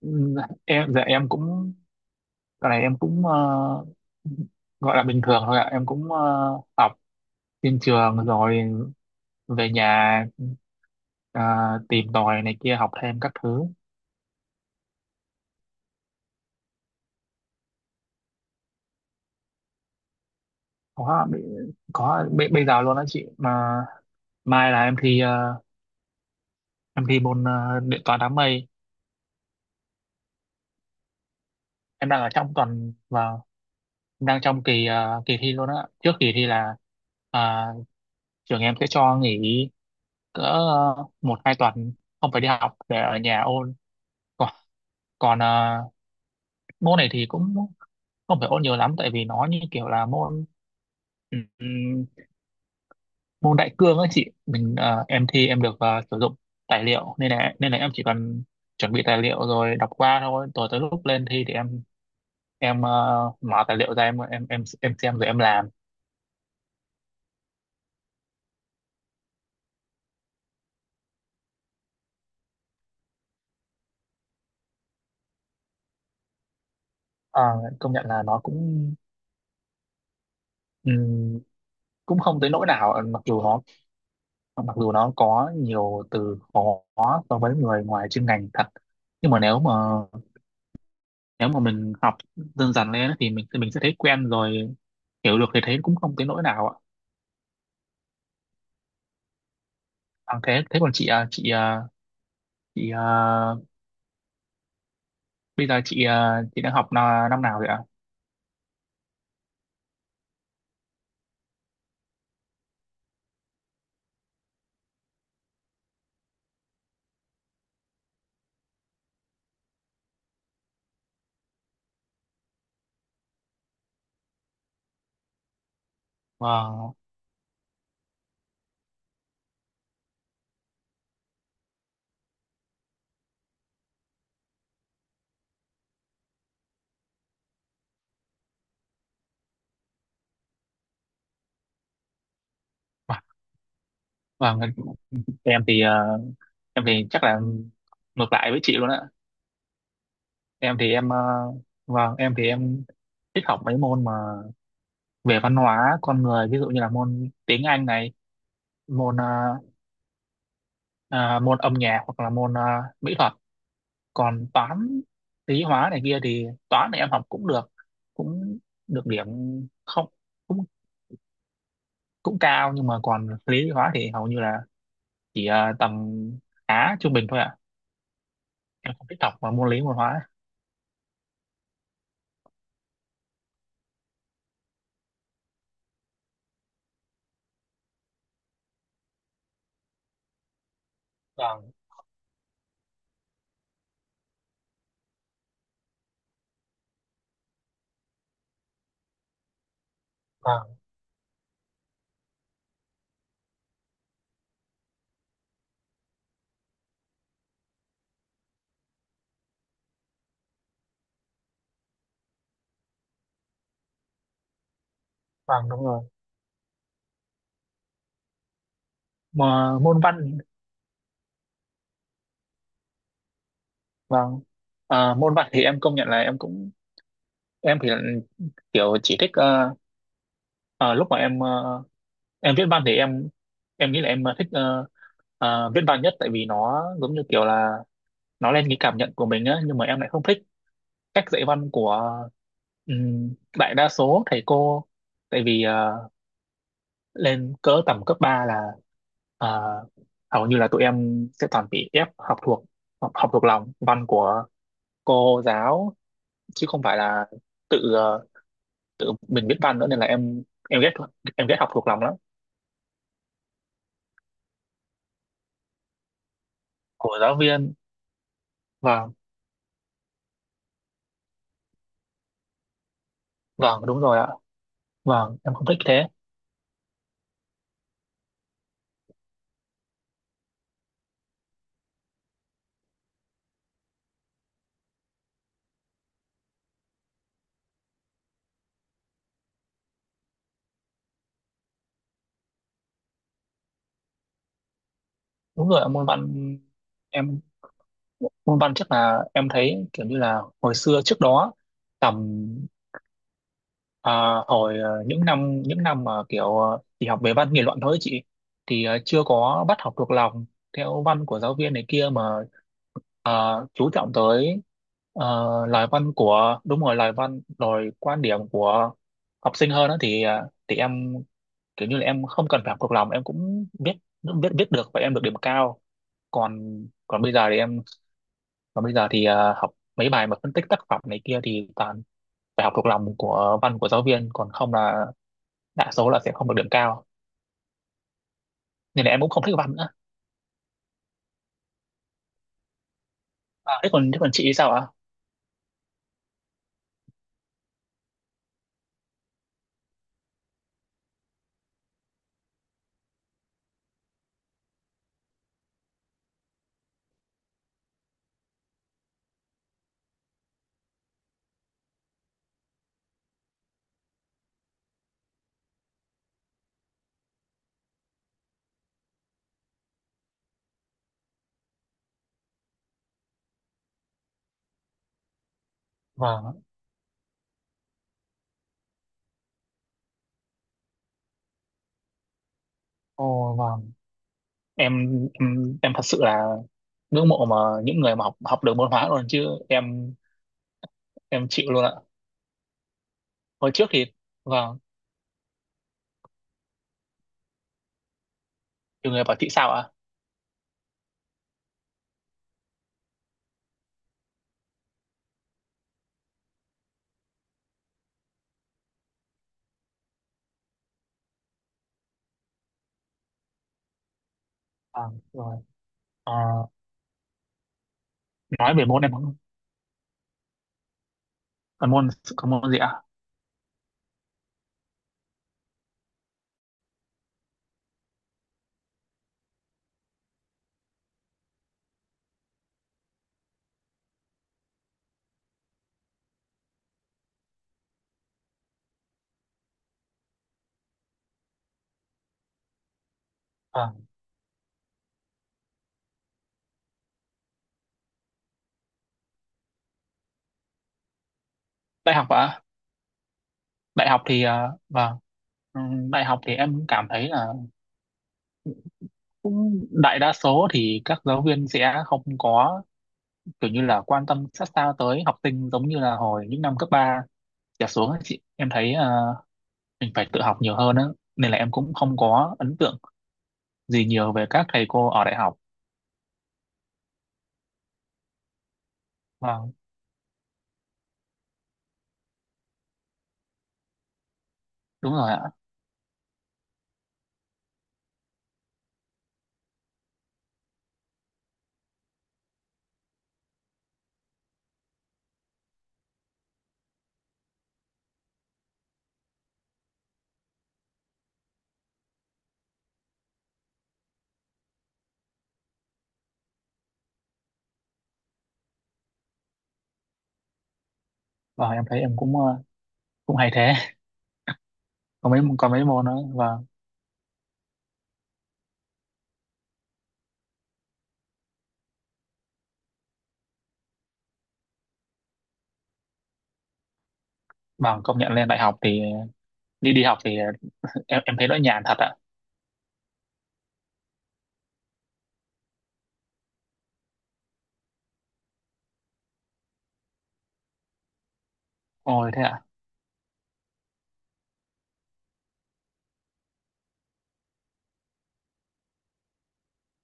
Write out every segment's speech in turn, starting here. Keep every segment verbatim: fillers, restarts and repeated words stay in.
Ừm, em dạ em cũng cái này em cũng ờ, gọi là bình thường thôi ạ. Em cũng ờ, học trên trường rồi về nhà, ờ, tìm tòi này kia học thêm các thứ. Có, có bây, bây giờ luôn đó chị, mà mai là em thi, ờ, em thi môn ờ, điện toán đám mây. Em đang ở trong tuần và đang trong kỳ ờ, kỳ thi luôn á. Trước kỳ thi là ờ, trường em sẽ cho nghỉ cỡ ờ, một hai tuần, không phải đi học để ở nhà ôn. còn à, môn này thì cũng không phải ôn nhiều lắm, tại vì nó như kiểu là môn ừm, môn đại cương ấy chị. mình à, em thi em được à, sử dụng tài liệu, nên là nên là em chỉ cần chuẩn bị tài liệu rồi đọc qua thôi. Rồi tới lúc lên thi thì em em uh, mở tài liệu ra, em em em em xem rồi em làm. Ờ, công nhận là nó cũng ừm, cũng không tới nỗi nào, mặc dù nó mặc dù nó có nhiều từ khó so với người ngoài chuyên ngành thật, nhưng mà nếu mà nếu mà mình học dần dần lên thì mình mình sẽ thấy quen rồi, hiểu được thì thấy cũng không tới nỗi nào ạ. à, thế thế còn chị à, chị à, chị à, bây giờ chị à, chị đang học nà- năm nào vậy ạ? Vâng, vâng. em thì à, em thì chắc là ngược lại với chị luôn ạ. em thì em à, vâng, em thì em thích học mấy môn mà về văn hóa con người, ví dụ như là môn tiếng Anh này, môn à, à, môn âm nhạc, hoặc là môn à, mỹ thuật. Còn toán lý hóa này kia thì toán này em học cũng được, cũng được điểm, không, cũng cũng cao. Nhưng mà còn lý hóa thì hầu như là chỉ ờ, tầm khá trung bình thôi ạ. Em không thích học mà môn lý môn hóa. Vâng. Vâng, vâng, đúng rồi, mà môn văn... Vâng. Ờ, môn văn thì em công nhận là em cũng, em thì là kiểu chỉ thích, ờ, ờ, lúc mà em ờ, em viết văn thì em em nghĩ là em thích, ờ, ờ, viết văn nhất, tại vì nó giống như kiểu là nó lên cái cảm nhận của mình á. Nhưng mà em lại không thích cách dạy văn của ừm, đại đa số thầy cô, tại vì ờ, lên cỡ tầm cấp ba là ờ, hầu như là tụi em sẽ toàn bị ép học thuộc, học, học thuộc lòng văn của cô giáo, chứ không phải là tự ờ, tự mình biết văn nữa. Nên là em em ghét, em ghét học thuộc lòng lắm. Của giáo viên. Vâng. Vâng, đúng rồi ạ. Vâng, em không thích thế. Đúng rồi ạ, môn văn. Em... môn văn chắc là em thấy kiểu như là hồi xưa trước đó tầm, à, hồi à, những năm, những năm mà kiểu à, chỉ học về văn nghị luận thôi ấy chị. thì à, chưa có bắt học thuộc lòng theo văn của giáo viên này kia, mà à, chú trọng tới à, lời văn của... đúng rồi, lời văn rồi quan điểm của học sinh hơn đó. thì à, thì em kiểu như là em không cần phải học thuộc lòng em cũng biết, biết biết được, và em được điểm cao. Còn còn bây giờ thì em còn bây giờ thì ờ, học mấy bài mà phân tích tác phẩm này kia thì toàn phải học thuộc lòng của văn của giáo viên, còn không là đa số là sẽ không được điểm cao. Nên là em cũng không thích văn nữa. À, thế còn thế còn chị thì sao ạ? Vâng, ồ vâng. Em em em thật sự là ngưỡng mộ mà những người mà học học được môn hóa luôn, chứ em em chịu luôn ạ. Hồi trước thì... vâng, nhiều người bảo chị sao ạ? Vâng, rồi. Ờ, nói về môn em không... còn môn còn môn gì ạ? Vâng, đại học ạ. Đại học thì ờ, vâng, ừ, đại học thì em cảm thấy là đại đa số thì các giáo viên sẽ không có kiểu như là quan tâm sát sao tới học sinh, giống như là hồi những năm cấp ba trở xuống ấy chị. Em thấy ờ, mình phải tự học nhiều hơn á, nên là em cũng không có ấn tượng gì nhiều về các thầy cô ở đại học. Vâng, đúng rồi ạ. Vâng, em thấy em cũng ờ, cũng hay thế. có mấy có mấy môn nữa. Vâng. Vâng, công nhận lên đại học thì đi đi học thì em em thấy nó nhàn thật ạ. Ôi thế ạ.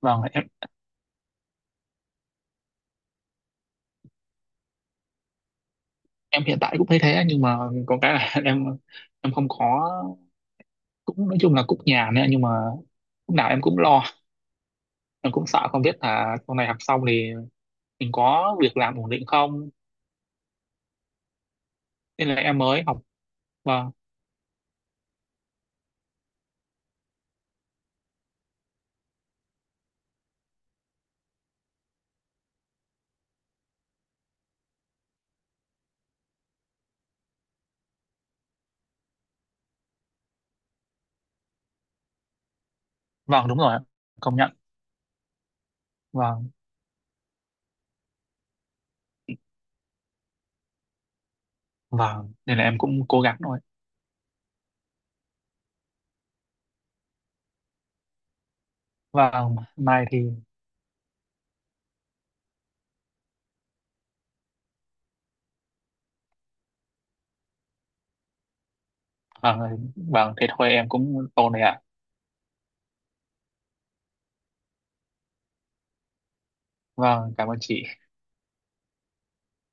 Vâng, em em hiện tại cũng thấy thế, nhưng mà có cái là em em không có, cũng nói chung là cũng nhà nữa. Nhưng mà lúc nào em cũng lo, em cũng sợ không biết là sau này học xong thì mình có việc làm ổn định không. Nên là em mới học. Vâng. Vâng, đúng rồi ạ. Công nhận. Vâng, vâng, nên là em cũng cố gắng thôi. Vâng, mai thì... Vâng. Vâng, thế thôi em cũng ổn rồi ạ. Vâng, cảm ơn chị.